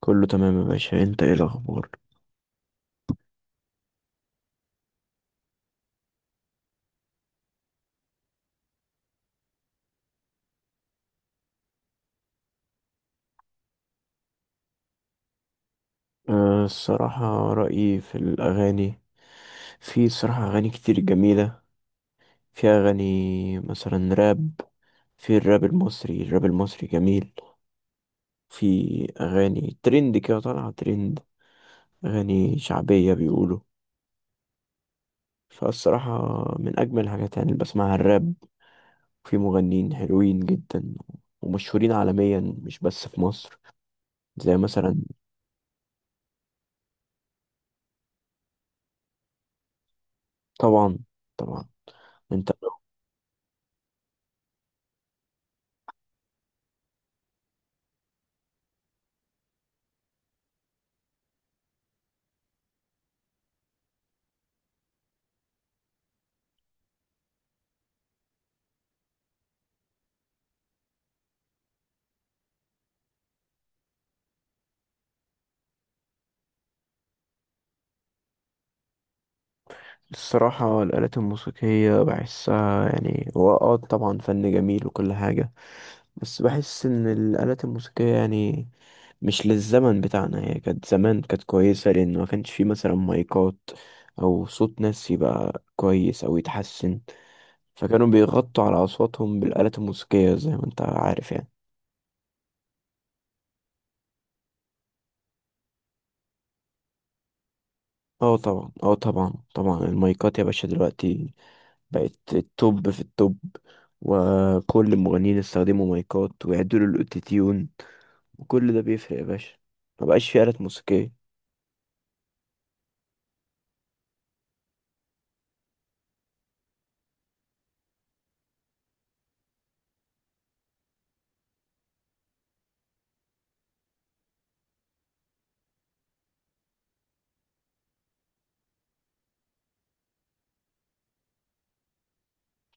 كله تمام يا باشا، انت ايه الاخبار؟ الصراحة رأيي في الأغاني، في صراحة أغاني كتير جميلة. في أغاني مثلا راب. في الراب المصري الراب المصري جميل. في أغاني ترند كده، طالعة ترند، أغاني شعبية بيقولوا. فالصراحة من أجمل الحاجات يعني اللي بسمعها الراب. في مغنيين حلوين جدا ومشهورين عالميا، مش بس في مصر. زي مثلا. طبعا، طبعا. انت الصراحة الآلات الموسيقية بحسها يعني هو طبعا فن جميل وكل حاجة، بس بحس إن الآلات الموسيقية يعني مش للزمن بتاعنا. هي كانت زمان كانت كويسة لأن ما كانش فيه مثلا مايكات أو صوت ناس يبقى كويس أو يتحسن، فكانوا بيغطوا على أصواتهم بالآلات الموسيقية زي ما أنت عارف يعني. اه طبعا، اه طبعا طبعا. المايكات يا باشا دلوقتي بقت التوب في التوب، وكل المغنيين استخدموا مايكات ويعدلوا الاوتوتيون، وكل ده بيفرق يا باشا. مبقاش في آلات موسيقية.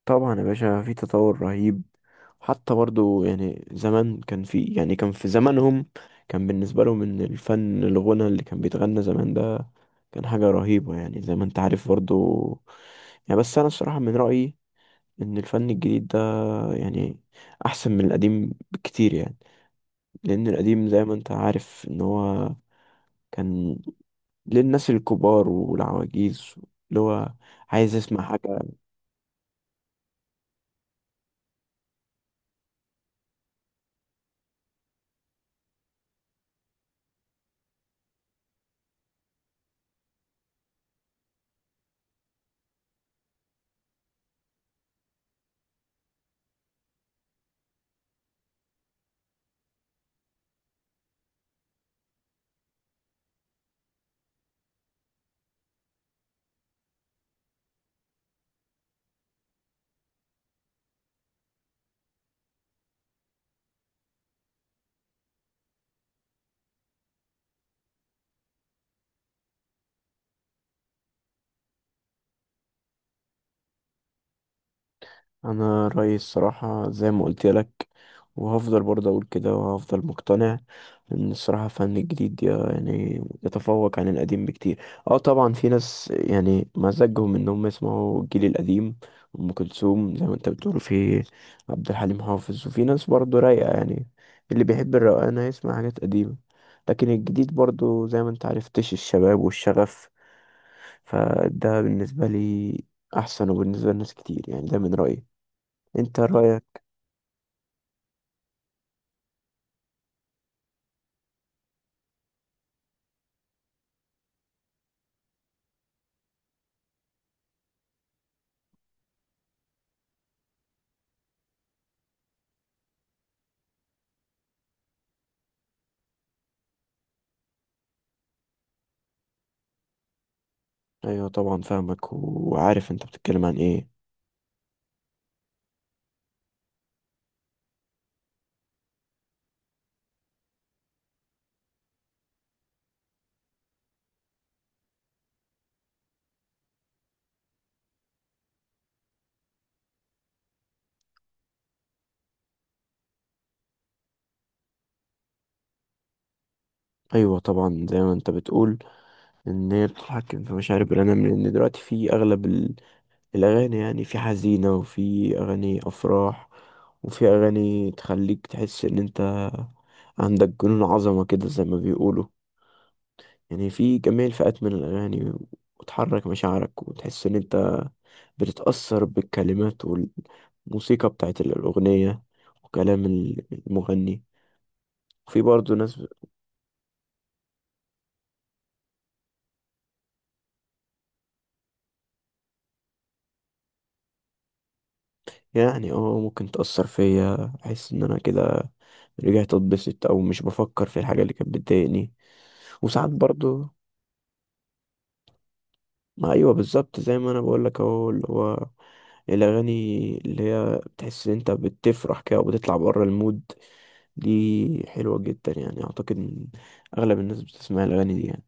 طبعا يا باشا في تطور رهيب. حتى برضو يعني زمان كان في يعني كان في زمانهم كان بالنسبة لهم ان الفن الغنى اللي كان بيتغنى زمان ده كان حاجة رهيبة، يعني زي ما انت عارف برضو. يعني بس انا الصراحة من رأيي ان الفن الجديد ده يعني احسن من القديم بكتير، يعني لان القديم زي ما انت عارف ان هو كان للناس الكبار والعواجيز، اللي هو عايز يسمع حاجة. أنا رأيي الصراحة زي ما قلت لك، وهفضل برضه أقول كده وهفضل مقتنع إن الصراحة فن جديد يعني يتفوق عن القديم بكتير. اه طبعا في ناس يعني مزاجهم إنهم يسمعوا الجيل القديم، أم كلثوم زي ما انت بتقول، في عبد الحليم حافظ. وفي ناس برضه رايقة يعني، اللي بيحب الروقان هيسمع حاجات قديمة. لكن الجديد برضه زي ما انت عرفتش الشباب والشغف، فده بالنسبة لي أحسن وبالنسبة لناس كتير. يعني ده من رأيي، أنت رأيك. أيوة طبعا فاهمك وعارف أنت بتتكلم عن إيه. أيوة طبعا زي ما أنت بتقول إن هي بتتحكم في مشاعر البني آدم، لأن دلوقتي في أغلب الأغاني يعني في حزينة وفي أغاني أفراح، وفي أغاني تخليك تحس إن أنت عندك جنون عظمة كده زي ما بيقولوا. يعني في جميع الفئات من الأغاني، وتحرك مشاعرك وتحس إن أنت بتتأثر بالكلمات والموسيقى بتاعت الأغنية وكلام المغني. وفي برضه ناس يعني ممكن تأثر فيا، أحس إن أنا كده رجعت أتبسط أو مش بفكر في الحاجة اللي كانت بتضايقني. وساعات برضه. ما أيوه بالظبط زي ما أنا بقولك أهو، اللي هو الأغاني اللي هي بتحس إن أنت بتفرح كده وبتطلع بره المود، دي حلوة جدا. يعني أعتقد إن أغلب الناس بتسمع الأغاني دي يعني.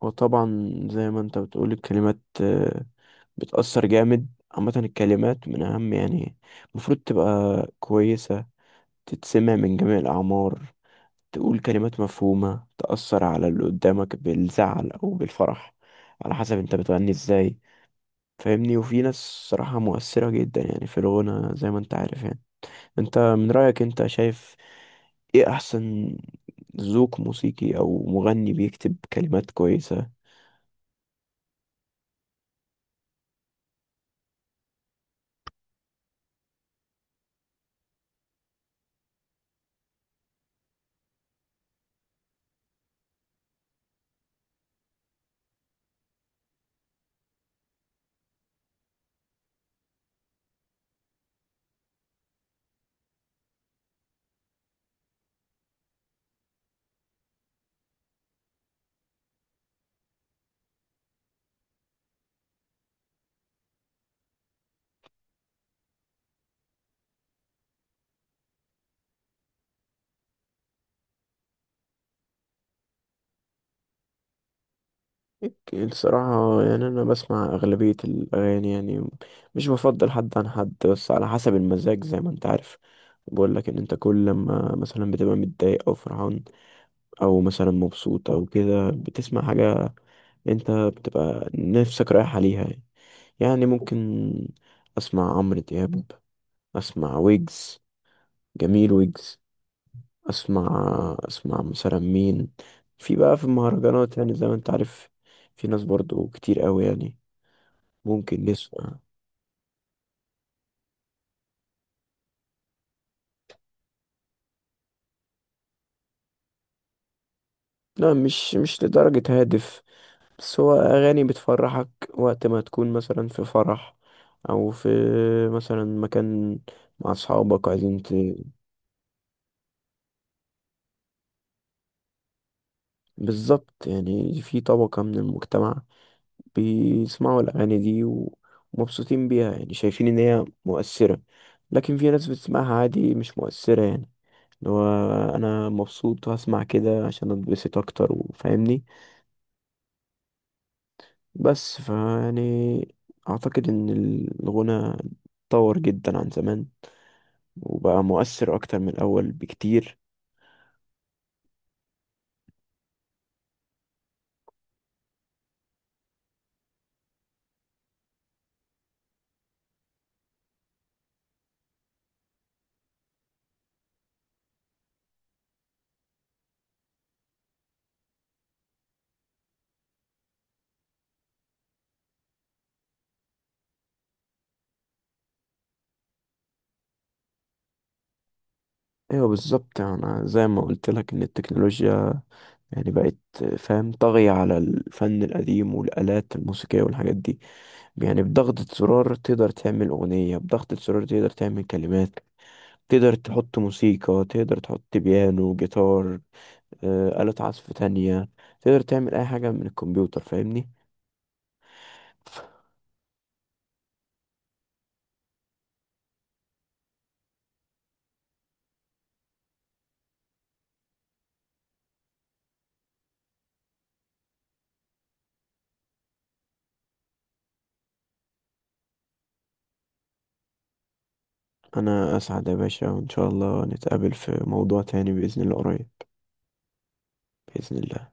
وطبعا زي ما انت بتقول الكلمات بتأثر جامد. عامة الكلمات من أهم يعني، المفروض تبقى كويسة، تتسمع من جميع الأعمار، تقول كلمات مفهومة، تأثر على اللي قدامك بالزعل أو بالفرح على حسب انت بتغني ازاي. فاهمني؟ وفي ناس صراحة مؤثرة جدا يعني في الغنى زي ما انت عارف يعني. انت من رأيك انت شايف ايه أحسن ذوق موسيقي، أو مغني بيكتب كلمات كويسة؟ اوكي، الصراحة يعني أنا بسمع أغلبية الأغاني يعني، مش بفضل حد عن حد، بس على حسب المزاج زي ما أنت عارف. بقول لك إن أنت كل لما مثلا بتبقى متضايق أو فرحان أو مثلا مبسوط أو كده، بتسمع حاجة أنت بتبقى نفسك رايح عليها يعني. يعني ممكن أسمع عمرو دياب، أسمع ويجز، جميل ويجز. أسمع، أسمع مثلا مين، في بقى في المهرجانات يعني زي ما أنت عارف، في ناس برضو كتير قوي يعني ممكن نسمع. لا، مش مش لدرجة هادف، بس هو أغاني بتفرحك وقت ما تكون مثلا في فرح أو في مثلا مكان مع أصحابك عايزين ت... بالظبط، يعني في طبقة من المجتمع بيسمعوا الأغاني دي ومبسوطين بيها، يعني شايفين إن هي مؤثرة. لكن في ناس بتسمعها عادي مش مؤثرة يعني، اللي هو أنا مبسوط وهسمع كده عشان أتبسط أكتر، وفاهمني. بس فيعني أعتقد إن الغنى اتطور جدا عن زمان، وبقى مؤثر أكتر من الأول بكتير. أيوة بالظبط، أنا زي ما قلت لك إن التكنولوجيا يعني بقت فاهم طاغية على الفن القديم والآلات الموسيقية والحاجات دي. يعني بضغطة زرار تقدر تعمل أغنية، بضغطة زرار تقدر تعمل كلمات، تقدر تحط موسيقى، تقدر تحط بيانو، جيتار، آه، آلة عزف تانية. تقدر تعمل أي حاجة من الكمبيوتر، فاهمني. أنا أسعد يا باشا، وإن شاء الله نتقابل في موضوع تاني بإذن الله قريب. بإذن الله.